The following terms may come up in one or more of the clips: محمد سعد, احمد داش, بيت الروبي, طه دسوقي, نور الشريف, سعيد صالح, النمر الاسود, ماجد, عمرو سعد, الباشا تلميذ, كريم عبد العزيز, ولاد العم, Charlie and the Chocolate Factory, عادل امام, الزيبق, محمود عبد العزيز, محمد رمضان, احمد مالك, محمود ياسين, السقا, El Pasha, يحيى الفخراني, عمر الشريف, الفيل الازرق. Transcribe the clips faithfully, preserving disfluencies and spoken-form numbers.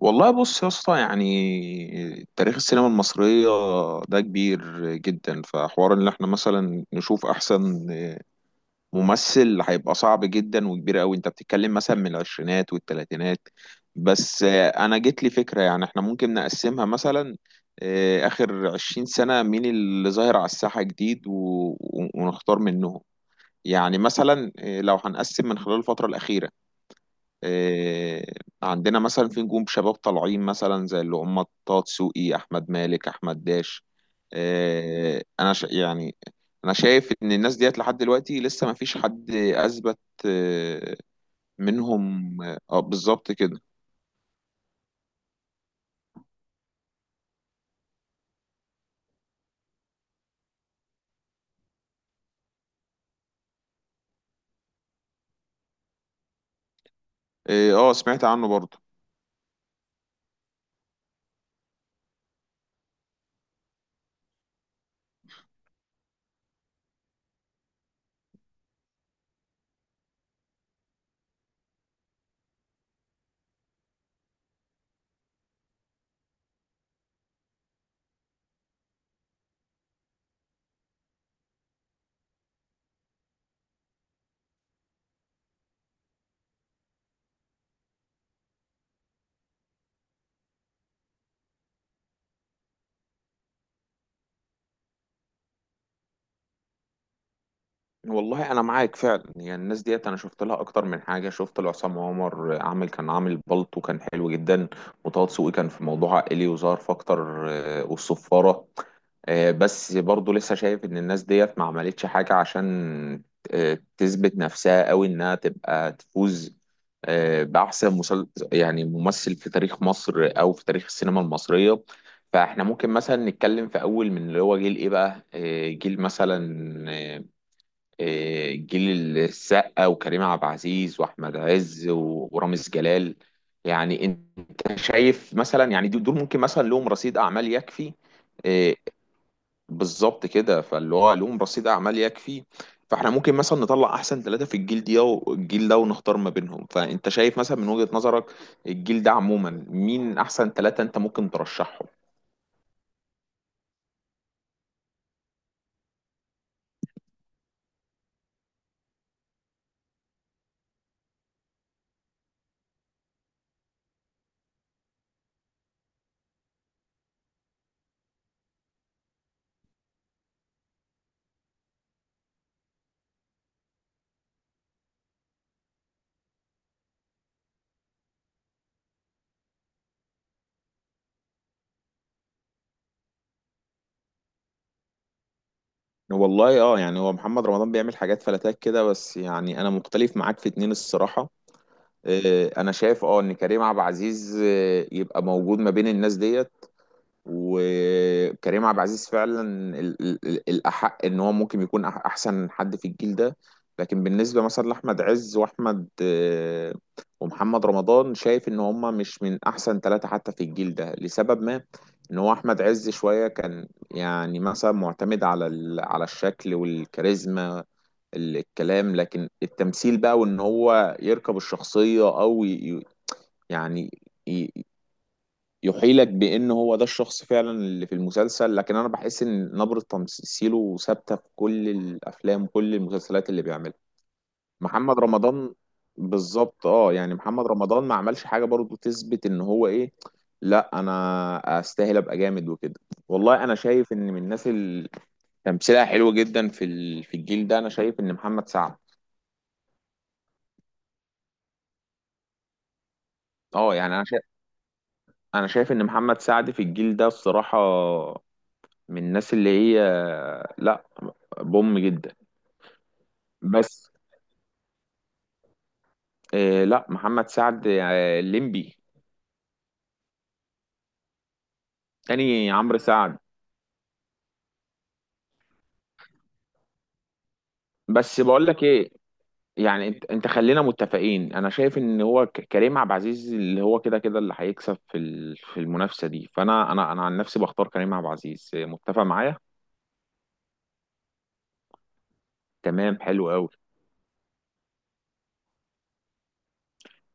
والله بص يا اسطى، يعني تاريخ السينما المصرية ده كبير جدا، فحوار ان احنا مثلا نشوف احسن ممثل هيبقى صعب جدا وكبير قوي. انت بتتكلم مثلا من العشرينات والتلاتينات. بس انا جت لي فكرة، يعني احنا ممكن نقسمها مثلا، آه، اخر عشرين سنة مين اللي ظاهر على الساحة جديد، و- و- ونختار منهم. يعني مثلا، آه، لو هنقسم من خلال الفترة الأخيرة، آه، عندنا مثلا في نجوم شباب طالعين، مثلا زي اللي هم طه دسوقي، احمد مالك، احمد داش. آه، انا ش... يعني انا شايف ان الناس ديت لحد دلوقتي لسه ما فيش حد اثبت آه، منهم. اه آه، بالظبط كده. اه آه، سمعت عنه برضه. والله انا معاك فعلا، يعني الناس ديت انا شفت لها اكتر من حاجه، شفت لعصام عمر عامل كان عامل بالطو كان حلو جدا. وطه دسوقي كان في موضوع عائلي وظهر في اكتر، آه، والصفاره. آه، بس برضو لسه شايف ان الناس ديت ما عملتش حاجة عشان آه، تثبت نفسها قوي انها تبقى تفوز آه، بأحسن مسل... يعني ممثل في تاريخ مصر او في تاريخ السينما المصرية. فاحنا ممكن مثلا نتكلم في اول من اللي هو جيل ايه بقى، آه، جيل مثلا، آه، آه، جيل السقا وكريم عبد العزيز واحمد عز و- ورامز جلال. يعني انت شايف مثلا، يعني دول دول ممكن مثلا لهم رصيد اعمال يكفي؟ آه، بالظبط كده، فاللي هو لهم رصيد اعمال يكفي. فاحنا ممكن مثلا نطلع احسن ثلاثة في الجيل دي والجيل ده، ونختار ما بينهم. فانت شايف مثلا من وجهة نظرك، الجيل ده عموما مين احسن ثلاثة انت ممكن ترشحهم؟ والله، اه يعني هو محمد رمضان بيعمل حاجات فلاتات كده، بس يعني انا مختلف معاك في اتنين الصراحة. آه، انا شايف اه ان كريم عبد العزيز آه، يبقى موجود ما بين الناس ديت. وكريم عبد العزيز فعلا ال- ال- ال- الأحق إن هو ممكن يكون أح- أحسن حد في الجيل ده. لكن بالنسبة مثلا لأحمد عز، وأحمد آه، ومحمد رمضان، شايف إن هما مش من أحسن ثلاثة حتى في الجيل ده لسبب ما. إن هو أحمد عز شوية كان يعني مثلا معتمد على ال- على الشكل والكاريزما، ال- الكلام، لكن التمثيل بقى، وإن هو يركب الشخصية أو ي- ي- يعني يحيلك بان هو ده الشخص فعلا اللي في المسلسل، لكن انا بحس ان نبرة تمثيله ثابتة في كل الافلام وكل المسلسلات اللي بيعملها. محمد رمضان، بالظبط. اه يعني محمد رمضان ما عملش حاجة برضو تثبت ان هو ايه، لا انا استاهل ابقى جامد وكده. والله انا شايف ان من الناس اللي تمثيلها حلو جدا في ال- في الجيل ده، انا شايف ان محمد سعد. اه يعني انا شايف انا شايف ان محمد سعد في الجيل ده الصراحة من الناس اللي هي، لا، بوم جدا. بس، آه لا، محمد سعد، آه، الليمبي. تاني عمرو سعد. بس بقول لك ايه؟ يعني انت انت خلينا متفقين، انا شايف ان هو ك- كريم عبد العزيز اللي هو كده كده اللي هيكسب في ال- في المنافسه دي، فانا انا انا عن نفسي بختار كريم عبد العزيز، آه، متفق معايا؟ تمام، حلو قوي.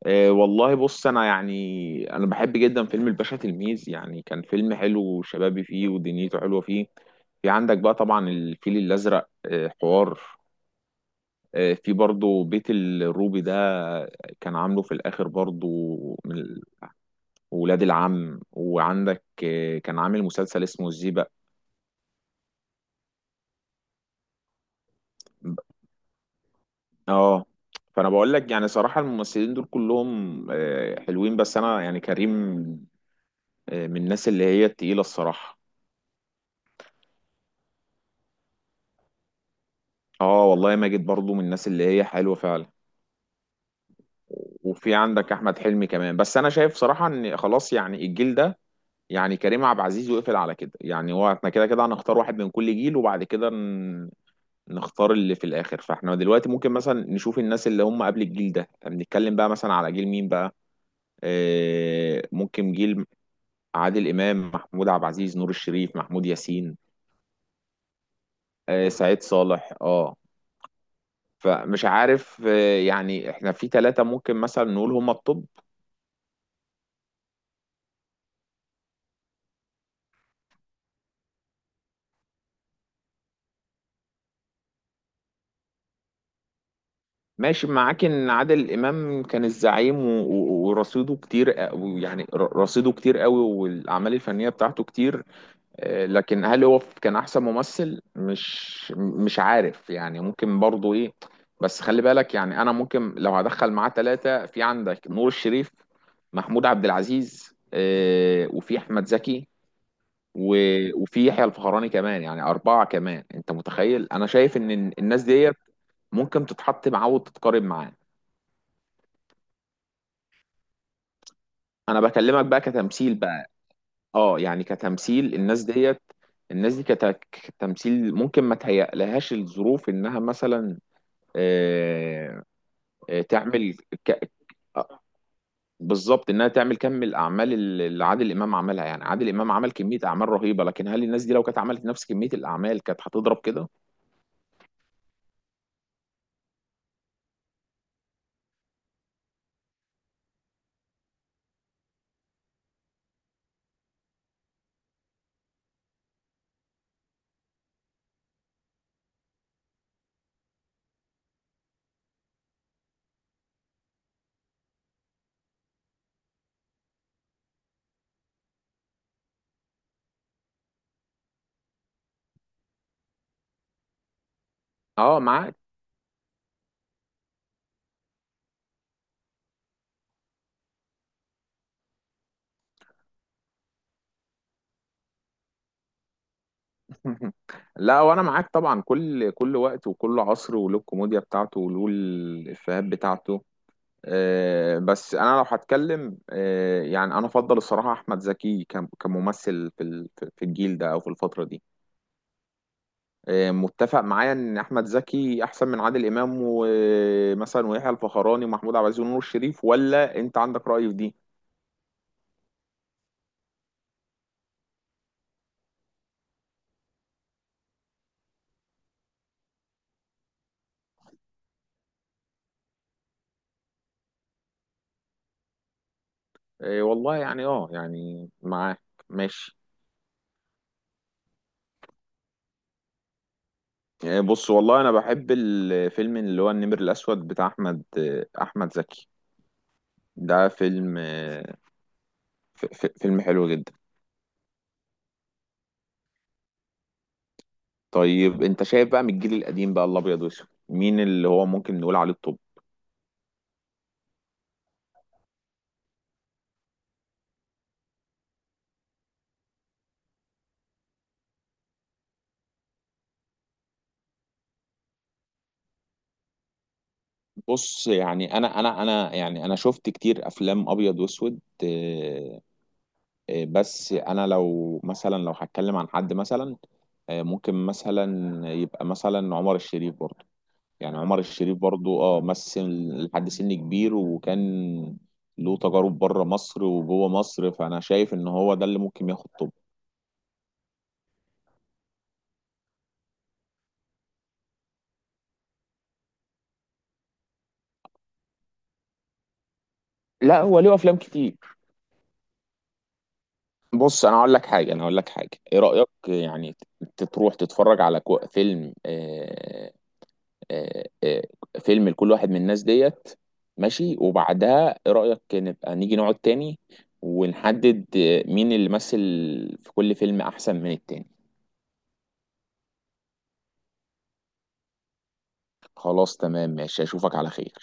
أه والله بص، انا يعني انا بحب جدا فيلم الباشا تلميذ. يعني كان فيلم حلو وشبابي فيه، ودنيته حلوه فيه. في عندك بقى طبعا الفيل الازرق، آه، حوار. آه، في برضو بيت الروبي ده، كان عامله في الآخر برضو، من ال- ولاد العم. وعندك آه، كان عامل مسلسل اسمه الزيبق. اه. فأنا بقول لك يعني صراحة، الممثلين دول كلهم آه، حلوين، بس أنا يعني كريم آه، من الناس اللي هي التقيلة الصراحة. اه والله، ماجد برضو من الناس اللي هي حلوة فعلا. وفي عندك أحمد حلمي كمان. بس أنا شايف صراحة إن خلاص، يعني الجيل ده يعني كريم عبد العزيز، وقفل على كده. يعني هو احنا كده كده هنختار واحد من كل جيل، وبعد كده ن- نختار اللي في الاخر. فاحنا دلوقتي ممكن مثلا نشوف الناس اللي هم قبل الجيل ده، يعني بنتكلم بقى مثلا على جيل مين بقى؟ آه ممكن جيل عادل امام، محمود عبد العزيز، نور الشريف، محمود ياسين، آه سعيد صالح. اه. فمش عارف، آه يعني احنا في ثلاثة ممكن مثلا نقول هم الطب. ماشي معاك ان عادل امام كان الزعيم، و- و- ورصيده كتير، أ- يعني ر- رصيده كتير قوي، والاعمال الفنيه بتاعته كتير. آه، لكن هل هو كان احسن ممثل؟ مش مش عارف، يعني ممكن برضه ايه. بس خلي بالك، يعني انا ممكن لو هدخل معاه ثلاثه، في عندك نور الشريف، محمود عبد العزيز، آه، وفي احمد زكي، و- وفي يحيى الفخراني كمان، يعني اربعه كمان، انت متخيل؟ انا شايف ان الناس ديت ممكن تتحط معاه وتتقارب معاه. انا بكلمك بقى كتمثيل بقى. اه يعني كتمثيل الناس ديت. الناس دي كت- كتمثيل ممكن ما تهيألهاش الظروف انها مثلا آه، آه، تعمل ك- بالظبط انها تعمل كم الاعمال اللي عادل امام عملها. يعني عادل امام عمل كميه اعمال رهيبه، لكن هل الناس دي لو كانت عملت نفس كميه الاعمال كانت هتضرب كده؟ اه، معاك. لا وانا معاك طبعا. كل كل وقت وكل عصر، وله الكوميديا بتاعته وله الافيهات بتاعته. آه، بس انا لو هتكلم آه، يعني انا افضل الصراحه احمد زكي كم- كممثل في ال- في في الجيل ده او في الفتره دي. آه، متفق معايا ان احمد زكي احسن من عادل امام، ومثلا ويحيى الفخراني ومحمود عبد العزيز ونور الشريف؟ ولا انت عندك راي في دي؟ آه، والله يعني، اه يعني معاك. ماشي. آه، بص، والله انا بحب الفيلم اللي هو النمر الاسود بتاع احمد آه، احمد زكي. ده فيلم، آه، ف- ف- فيلم حلو جدا. طيب انت شايف بقى، من الجيل القديم بقى الابيض واسود، مين اللي هو ممكن نقول عليه الطب؟ بص، يعني انا انا انا يعني انا شفت كتير افلام ابيض واسود، آه، آه، بس انا لو مثلا لو هتكلم عن حد مثلا، آه، ممكن مثلا يبقى مثلا عمر الشريف برضه. يعني عمر الشريف برضه، اه مثل لحد سن كبير، وكان له تجارب بره مصر وجوه مصر، فانا شايف ان هو ده اللي ممكن ياخد طب. لا، هو له افلام كتير. بص، انا اقول لك حاجه انا اقول لك حاجه، ايه رايك يعني ت- تروح تتفرج على كو- فيلم، آه، آه، آه، فيلم لكل واحد من الناس ديت. ماشي، وبعدها ايه رايك نبقى نيجي نقعد تاني، ونحدد آه، مين اللي مثل في كل فيلم احسن من التاني؟ خلاص تمام، ماشي، اشوفك على خير.